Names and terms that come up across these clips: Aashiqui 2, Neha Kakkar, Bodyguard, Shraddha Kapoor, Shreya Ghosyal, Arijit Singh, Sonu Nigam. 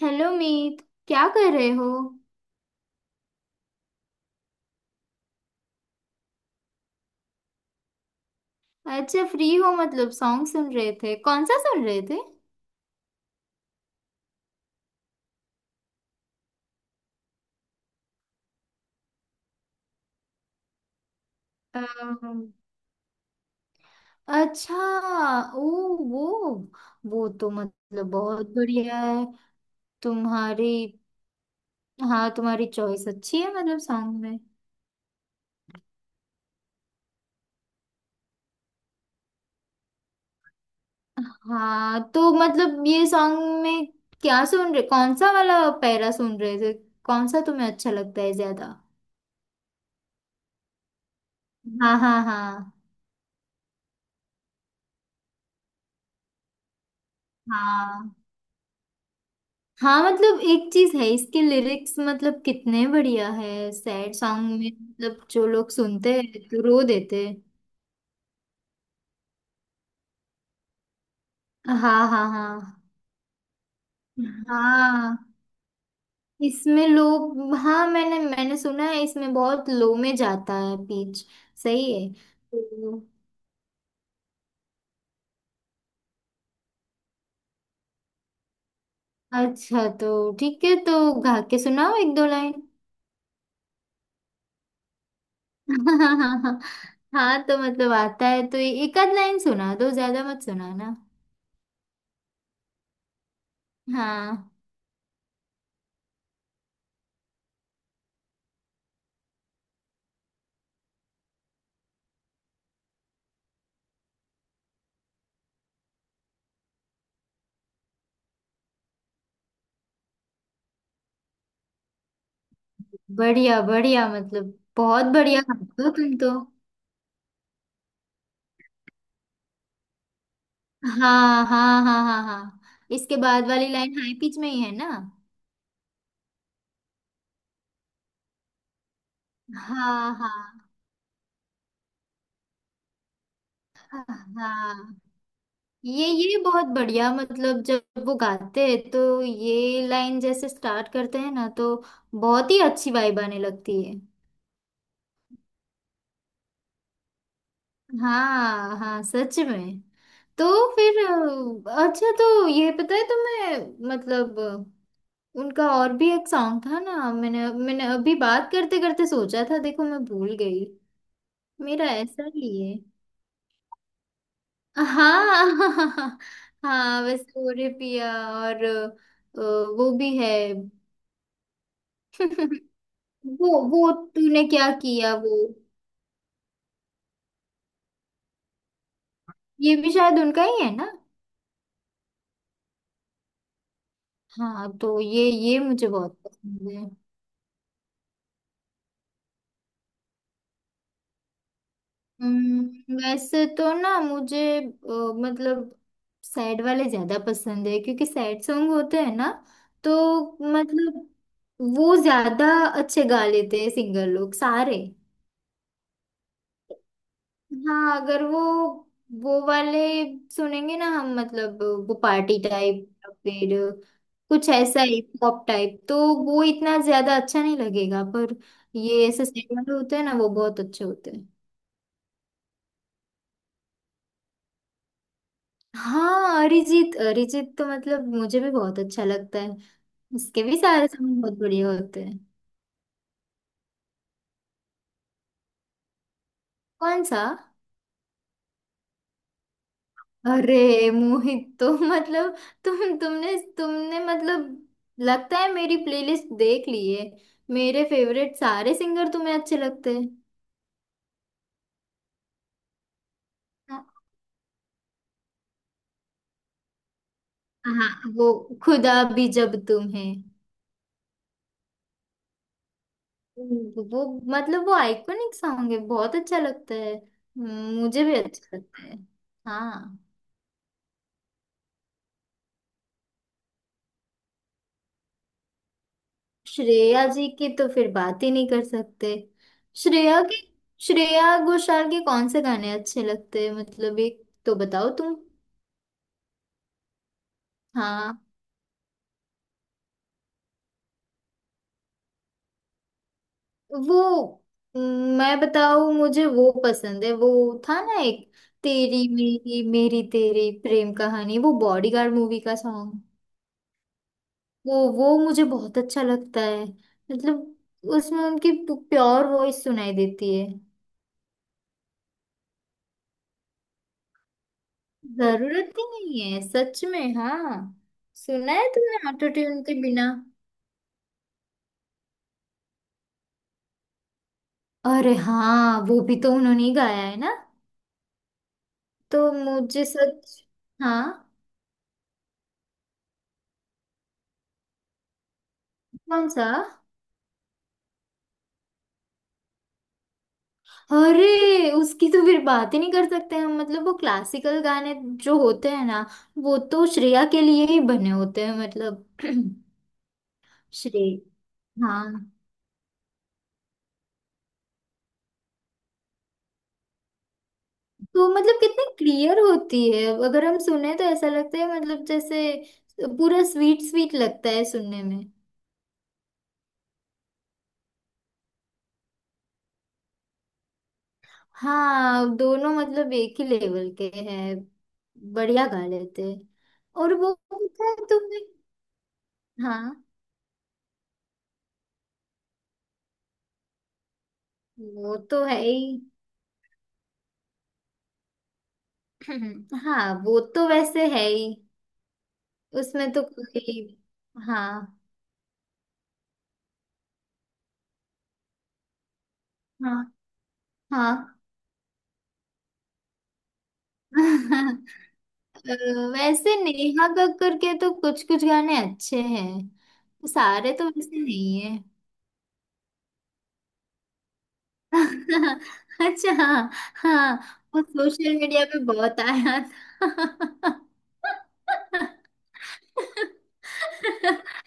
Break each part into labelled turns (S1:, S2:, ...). S1: Hello Meet, क्या कर रहे हो। अच्छा, फ्री हो मतलब? सॉन्ग सुन रहे थे, कौन सा सुन रहे थे। अम्म, अच्छा। ओ, वो वो तो मतलब बहुत बढ़िया है। तुम्हारी, हाँ तुम्हारी चॉइस अच्छी है मतलब सॉन्ग में। हाँ तो मतलब ये सॉन्ग में क्या सुन रहे, कौन सा वाला पैरा सुन रहे थे, कौन सा तुम्हें अच्छा लगता है ज्यादा। हाँ हाँ हाँ हाँ हाँ। मतलब एक चीज है, इसके लिरिक्स मतलब कितने बढ़िया है। सैड सॉन्ग में मतलब जो लोग सुनते हैं तो रो देते हैं। हाँ हाँ हाँ हाँ, इसमें लोग हाँ मैंने मैंने सुना है इसमें बहुत लो में जाता है बीच। सही है तो। अच्छा, तो ठीक है, तो गा के सुनाओ एक दो लाइन। हाँ। हाँ तो मतलब आता है तो एक आध लाइन सुना दो, ज्यादा मत सुनाना। हाँ, बढ़िया बढ़िया, मतलब बहुत बढ़िया गाते हो तुम तो। हाँ हाँ हाँ हाँ हाँ। इसके बाद वाली लाइन हाई पिच में ही है ना। हाँ हाँ हाँ। ये बहुत बढ़िया मतलब, जब वो गाते हैं तो ये लाइन जैसे स्टार्ट करते हैं ना, तो बहुत ही अच्छी वाइब आने लगती है। हाँ हाँ, सच में। तो फिर अच्छा। तो ये पता है तुम्हें मतलब उनका और भी एक सॉन्ग था ना, मैंने मैंने अभी बात करते करते सोचा था, देखो मैं भूल गई। मेरा ऐसा ही है हाँ। हाँ वैसे वो रे पिया और वो भी है। वो तूने क्या किया, वो ये भी शायद उनका ही है ना। हाँ तो ये मुझे बहुत पसंद है। वैसे तो ना मुझे मतलब सैड वाले ज्यादा पसंद है, क्योंकि सैड सॉन्ग होते हैं ना, तो मतलब वो ज्यादा अच्छे गा लेते हैं सिंगर लोग सारे। हाँ अगर वो वो वाले सुनेंगे ना हम मतलब, वो पार्टी टाइप या फिर कुछ ऐसा पॉप टाइप तो वो इतना ज्यादा अच्छा नहीं लगेगा। पर ये ऐसे सैड वाले होते हैं ना, वो बहुत अच्छे होते हैं। हाँ अरिजीत, अरिजीत तो मतलब मुझे भी बहुत अच्छा लगता है। उसके भी सारे सॉन्ग बहुत बढ़िया होते हैं। कौन सा? अरे मोहित तो मतलब तुमने मतलब, लगता है मेरी प्लेलिस्ट देख ली है। मेरे फेवरेट सारे सिंगर तुम्हें अच्छे लगते हैं। हाँ। हाँ, वो खुदा भी जब तुम है, वो मतलब वो आइकॉनिक सॉन्ग है, बहुत अच्छा लगता है। मुझे भी अच्छा लगता है। हाँ, श्रेया जी की तो फिर बात ही नहीं कर सकते। श्रेया की, श्रेया घोषाल के कौन से गाने अच्छे लगते हैं, मतलब एक तो बताओ तुम। हाँ वो मैं बताऊं, मुझे वो पसंद है वो, था ना एक, तेरी मेरी मेरी तेरी प्रेम कहानी, वो बॉडीगार्ड मूवी का सॉन्ग। वो मुझे बहुत अच्छा लगता है मतलब, उसमें उनकी प्योर वॉइस सुनाई देती है। जरूरत ही नहीं है सच में। हाँ, सुना है तुमने ऑटो ट्यून के बिना। अरे हाँ वो भी तो उन्होंने ही गाया है ना। तो मुझे सच, हाँ। कौन सा? अरे उसकी तो फिर बात ही नहीं कर सकते हम। मतलब वो क्लासिकल गाने जो होते हैं ना, वो तो श्रेया के लिए ही बने होते हैं मतलब। श्रेय, हाँ तो मतलब कितनी क्लियर होती है, अगर हम सुने तो ऐसा लगता है मतलब जैसे पूरा स्वीट स्वीट लगता है सुनने में। हाँ दोनों मतलब एक ही लेवल के हैं, बढ़िया गा लेते हैं। और वो पता है तुम्हें। हाँ वो तो है ही। हाँ वो तो वैसे है ही, उसमें तो कोई। हाँ हाँ हाँ। अ, वैसे नेहा कक्कड़ के तो कुछ कुछ गाने अच्छे हैं, सारे तो वैसे नहीं है। अच्छा। हाँ वो सोशल मीडिया पे बहुत आया था।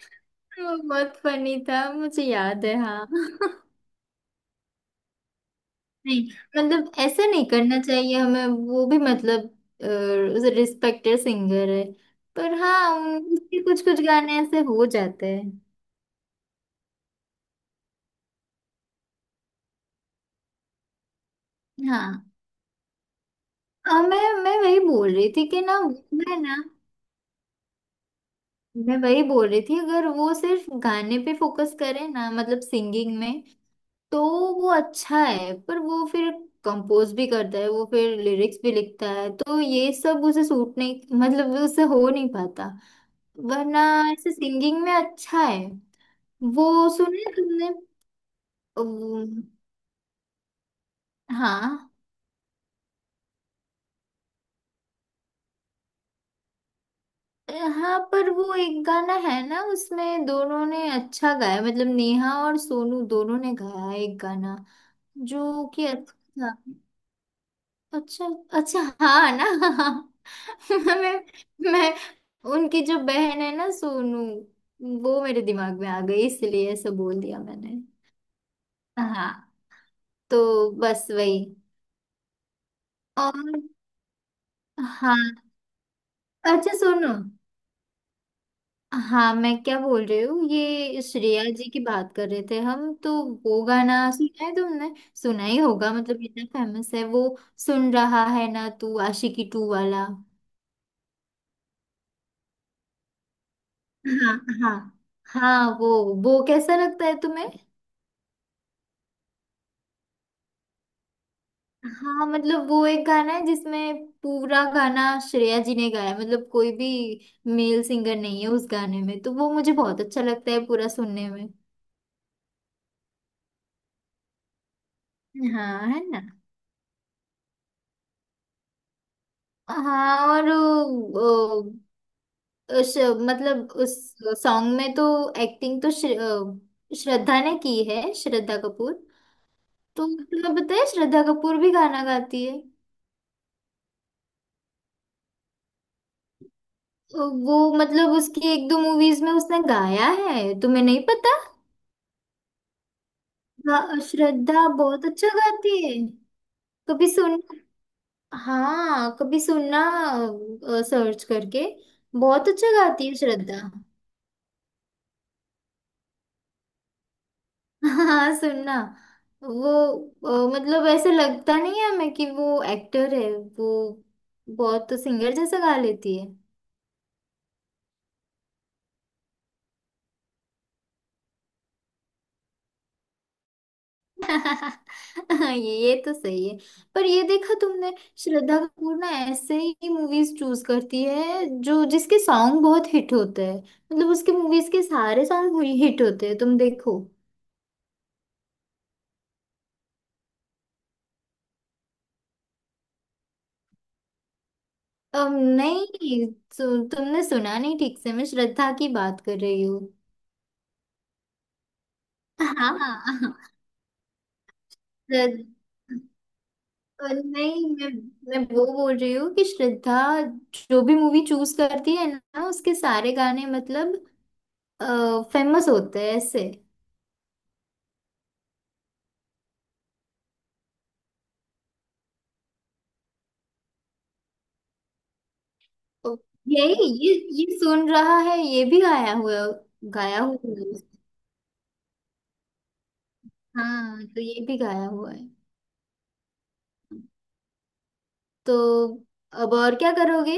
S1: वो बहुत फनी था, मुझे याद है हाँ। नहीं मतलब ऐसा नहीं करना चाहिए हमें, वो भी मतलब रिस्पेक्टेड सिंगर है। पर हाँ, उन- उसके कुछ कुछ गाने ऐसे हो जाते हैं। हाँ। आ, मैं वही बोल रही थी कि ना मैं ना, मैं वही बोल रही थी, अगर वो सिर्फ गाने पे फोकस करे ना, मतलब सिंगिंग में, तो वो अच्छा है। पर वो फिर कंपोज भी करता है, वो फिर लिरिक्स भी लिखता है, तो ये सब उसे सूट नहीं, मतलब वो उससे हो नहीं पाता। वरना ऐसे सिंगिंग में अच्छा है वो। सुने तुमने? वो- हाँ हाँ, पर वो एक गाना है ना, उसमें दोनों ने अच्छा गाया। मतलब नेहा और सोनू दोनों ने गाया एक गाना, जो कि अच्छा था। अच्छा, अच्छा हाँ ना। मैं मैं उनकी जो बहन है ना सोनू, वो मेरे दिमाग में आ गई इसलिए ऐसा बोल दिया मैंने। हाँ तो बस वही। और हाँ, अच्छा सुनो। हाँ मैं क्या बोल रही हूँ, ये श्रेया जी की बात कर रहे थे हम तो, वो गाना सुना है तुमने? सुना ही होगा मतलब, इतना फेमस है वो। सुन रहा है ना तू, आशिकी टू वाला। हाँ हाँ हाँ। वो कैसा लगता है तुम्हें। हाँ मतलब वो एक गाना है जिसमें पूरा गाना श्रेया जी ने गाया है, मतलब कोई भी मेल सिंगर नहीं है उस गाने में, तो वो मुझे बहुत अच्छा लगता है पूरा सुनने में। हाँ है ना। हाँ और वो, श, मतलब उस सॉन्ग में तो एक्टिंग तो श्र, श्रद्धा ने की है, श्रद्धा कपूर। तो तुम्हें पता है श्रद्धा कपूर भी गाना गाती है। तो वो मतलब उसकी एक दो मूवीज में उसने गाया है, तुम्हें नहीं पता। हाँ, श्रद्धा बहुत अच्छा गाती है। कभी सुन, हाँ कभी सुनना सर्च करके, बहुत अच्छा गाती है श्रद्धा। हाँ सुनना। वो मतलब ऐसे लगता नहीं है हमें कि वो एक्टर है वो, बहुत तो सिंगर जैसा गा लेती है। ये तो सही है। पर ये देखा तुमने, श्रद्धा कपूर ना ऐसे ही मूवीज चूज करती है जो जिसके सॉन्ग बहुत हिट होते हैं। मतलब उसके मूवीज के सारे सॉन्ग हिट होते हैं, तुम देखो। नहीं, सु, तुमने सुना नहीं ठीक से, मैं श्रद्धा की बात कर रही हूँ। हाँ, श्रद्ध- नहीं मैं वो बोल रही हूँ कि श्रद्धा जो भी मूवी चूज करती है ना, उसके सारे गाने मतलब फेमस होते हैं ऐसे। ओ, यही, ये सुन रहा है, ये भी गाया हुआ। गाया हुआ है। हाँ तो ये भी गाया हुआ है। तो अब और क्या करोगे।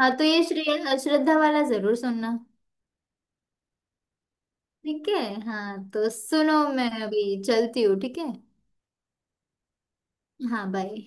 S1: हाँ तो ये श्रेया श्रद्धा वाला जरूर सुनना। ठीक है। हाँ तो सुनो, मैं अभी चलती हूँ, ठीक है। हाँ, बाय।